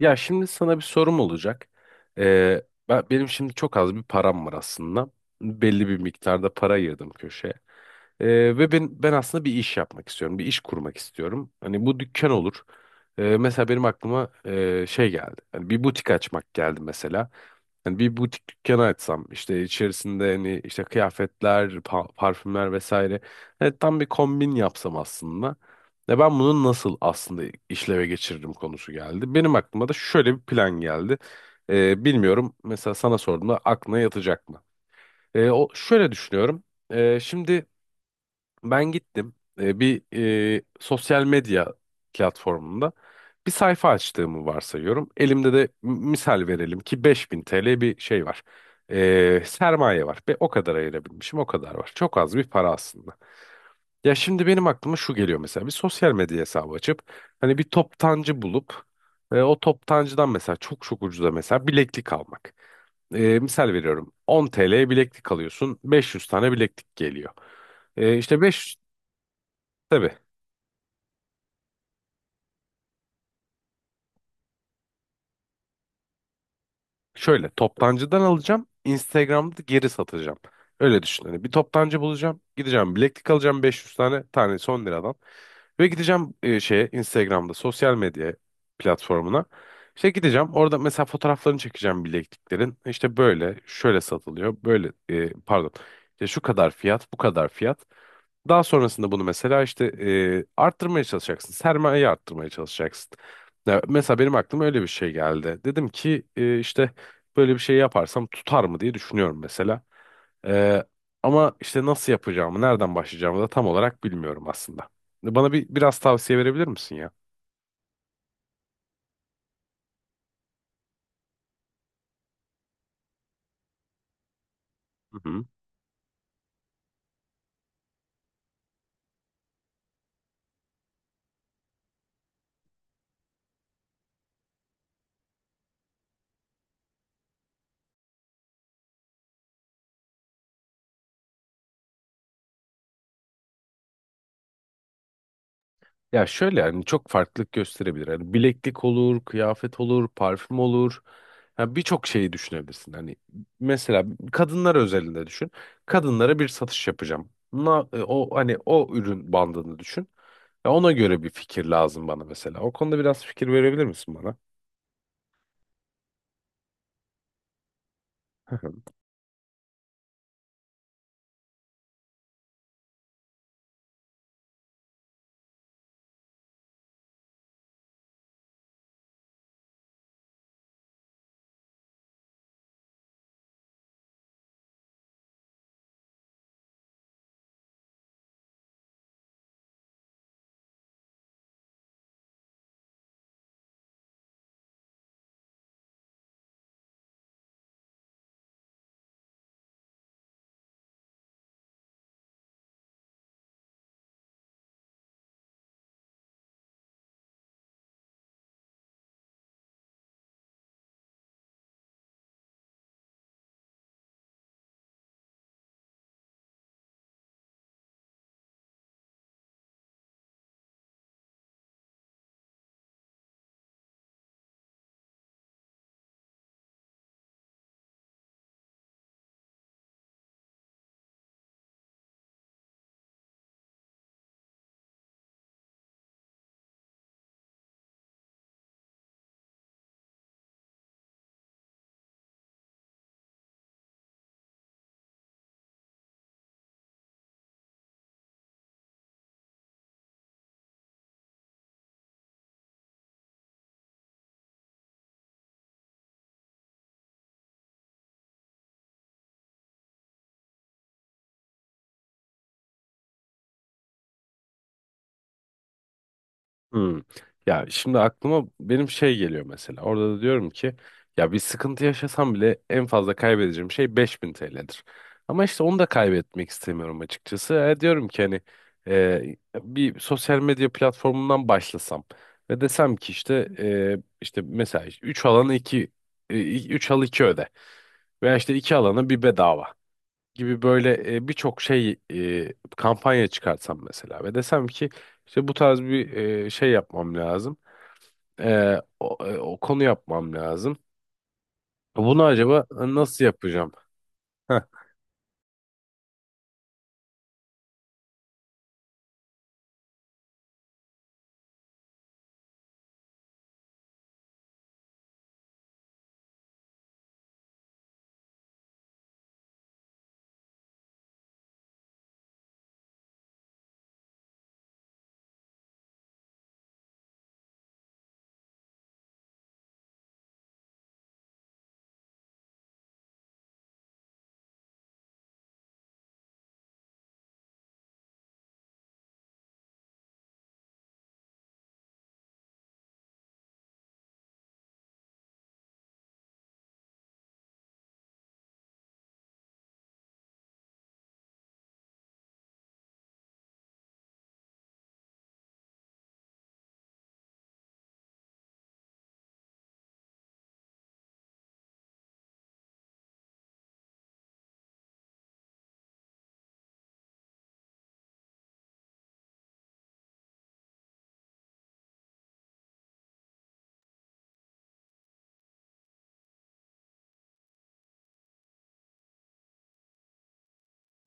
Ya şimdi sana bir sorum olacak. Ee, benim şimdi çok az bir param var aslında. Belli bir miktarda para ayırdım köşeye. Ee, Ve ben aslında bir iş yapmak istiyorum. Bir iş kurmak istiyorum. Hani bu dükkan olur. Mesela benim aklıma şey geldi. Hani bir butik açmak geldi mesela. Hani bir butik dükkanı açsam işte içerisinde hani işte kıyafetler, parfümler vesaire. Hani tam bir kombin yapsam aslında. Ve ben bunu nasıl aslında işleve geçiririm konusu geldi. Benim aklıma da şöyle bir plan geldi. Bilmiyorum, mesela sana sorduğumda aklına yatacak mı? O şöyle düşünüyorum. Şimdi ben gittim, bir sosyal medya platformunda bir sayfa açtığımı varsayıyorum. Elimde de misal verelim ki 5.000 TL bir şey var. Sermaye var ve o kadar ayırabilmişim, o kadar var. Çok az bir para aslında. Ya şimdi benim aklıma şu geliyor, mesela bir sosyal medya hesabı açıp hani bir toptancı bulup o toptancıdan mesela çok çok ucuza mesela bileklik almak. Misal veriyorum, 10 TL'ye bileklik alıyorsun, 500 tane bileklik geliyor. İşte 500. Tabii. Şöyle toptancıdan alacağım. Instagram'da geri satacağım. Öyle düşün. Hani bir toptancı bulacağım. Gideceğim bileklik alacağım 500 tane, tanesi 10 liradan. Ve gideceğim şeye, Instagram'da sosyal medya platformuna. İşte gideceğim orada mesela fotoğraflarını çekeceğim bilekliklerin. İşte böyle şöyle satılıyor. Böyle, pardon. İşte şu kadar fiyat, bu kadar fiyat. Daha sonrasında bunu mesela işte arttırmaya çalışacaksın. Sermayeyi arttırmaya çalışacaksın. Ya mesela benim aklıma öyle bir şey geldi. Dedim ki işte böyle bir şey yaparsam tutar mı diye düşünüyorum mesela. E, Ama işte nasıl yapacağımı, nereden başlayacağımı da tam olarak bilmiyorum aslında. Bana bir biraz tavsiye verebilir misin ya? Ya şöyle, yani çok farklılık gösterebilir. Hani bileklik olur, kıyafet olur, parfüm olur. Yani birçok şeyi düşünebilirsin. Hani mesela kadınlar özelinde düşün. Kadınlara bir satış yapacağım. O hani o ürün bandını düşün. Ya ona göre bir fikir lazım bana mesela. O konuda biraz fikir verebilir misin bana? Hmm. Ya şimdi aklıma benim şey geliyor mesela. Orada da diyorum ki ya bir sıkıntı yaşasam bile en fazla kaybedeceğim şey 5.000 TL'dir. Ama işte onu da kaybetmek istemiyorum açıkçası. Diyorum ki hani bir sosyal medya platformundan başlasam ve desem ki işte işte mesela işte 3 alana iki, 3 al 2 öde veya işte 2 alana bir bedava gibi böyle birçok şey kampanya çıkartsam mesela ve desem ki işte bu tarz bir şey yapmam lazım. O konu yapmam lazım. Bunu acaba nasıl yapacağım? Heh.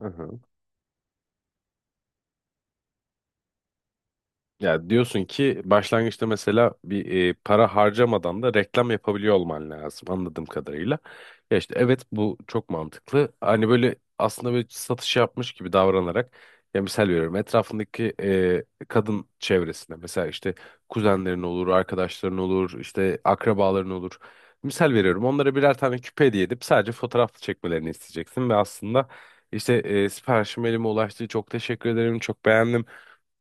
Hı hı. Ya diyorsun ki başlangıçta mesela bir para harcamadan da reklam yapabiliyor olman lazım, anladığım kadarıyla. Ya işte evet, bu çok mantıklı. Hani böyle aslında böyle satış yapmış gibi davranarak, ya misal veriyorum etrafındaki kadın çevresine mesela işte kuzenlerin olur, arkadaşların olur, işte akrabaların olur. Misal veriyorum onlara birer tane küpe hediye edip sadece fotoğraf çekmelerini isteyeceksin ve aslında işte siparişim elime ulaştı, çok teşekkür ederim, çok beğendim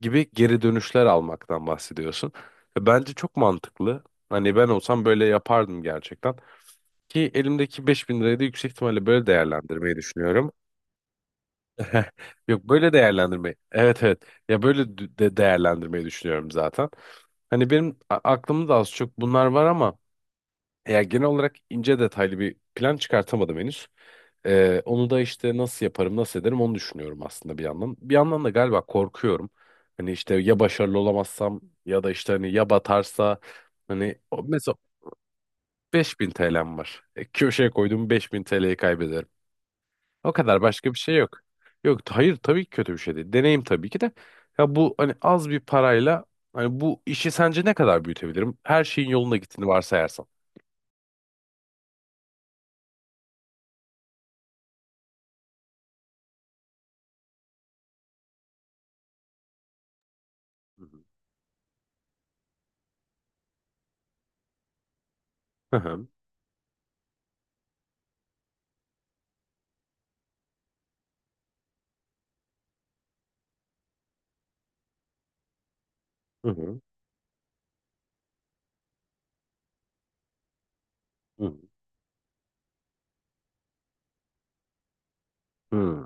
gibi geri dönüşler almaktan bahsediyorsun. Ve bence çok mantıklı. Hani ben olsam böyle yapardım gerçekten. Ki elimdeki 5.000 lirayı da yüksek ihtimalle böyle değerlendirmeyi düşünüyorum. Yok, böyle değerlendirmeyi. Evet, evet. Ya böyle de değerlendirmeyi düşünüyorum zaten. Hani benim aklımda da az çok bunlar var, ama ya genel olarak ince detaylı bir plan çıkartamadım henüz. Onu da işte nasıl yaparım, nasıl ederim onu düşünüyorum aslında bir yandan. Bir yandan da galiba korkuyorum. Hani işte ya başarılı olamazsam ya da işte hani ya batarsa hani mesela 5.000 TL'm var. Köşeye koyduğum 5.000 TL'yi kaybederim. O kadar, başka bir şey yok. Yok, hayır, tabii ki kötü bir şey değil. Deneyim, tabii ki de. Ya bu hani az bir parayla hani bu işi sence ne kadar büyütebilirim? Her şeyin yoluna gittiğini varsayarsan. Hı hı. Hı hı. Hı hı. Hmm.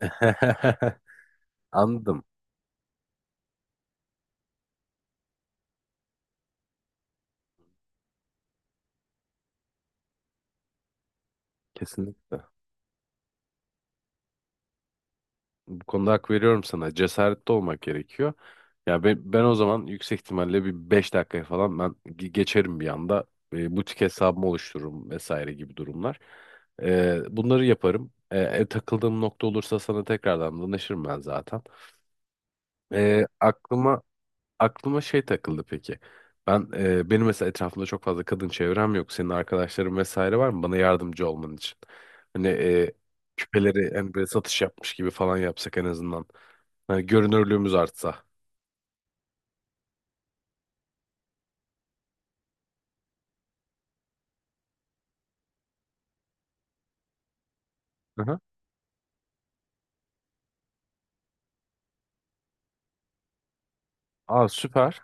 Anladım. Kesinlikle. Bu konuda hak veriyorum sana. Cesaretli olmak gerekiyor. Ya ben o zaman yüksek ihtimalle bir 5 dakikaya falan ben geçerim bir anda. Butik hesabımı oluştururum vesaire gibi durumlar. Bunları yaparım. Takıldığım nokta olursa sana tekrardan danışırım ben zaten. E, aklıma aklıma şey takıldı peki. Benim mesela etrafımda çok fazla kadın çevrem yok. Senin arkadaşların vesaire var mı bana yardımcı olman için? Hani küpeleri hani böyle satış yapmış gibi falan yapsak en azından. Hani görünürlüğümüz artsa. Aha. Aa, süper.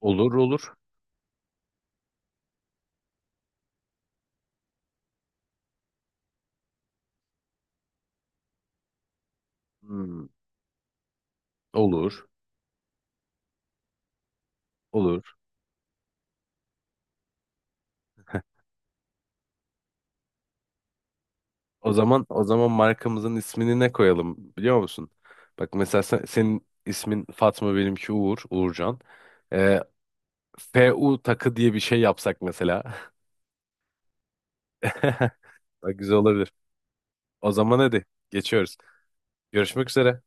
Olur, olur. Hmm, olur. Olur. O zaman markamızın ismini ne koyalım, biliyor musun? Bak mesela senin ismin Fatma, benimki Uğur, Uğurcan. Ee, FU takı diye bir şey yapsak mesela. Bak, güzel olabilir. O zaman hadi geçiyoruz. Görüşmek üzere.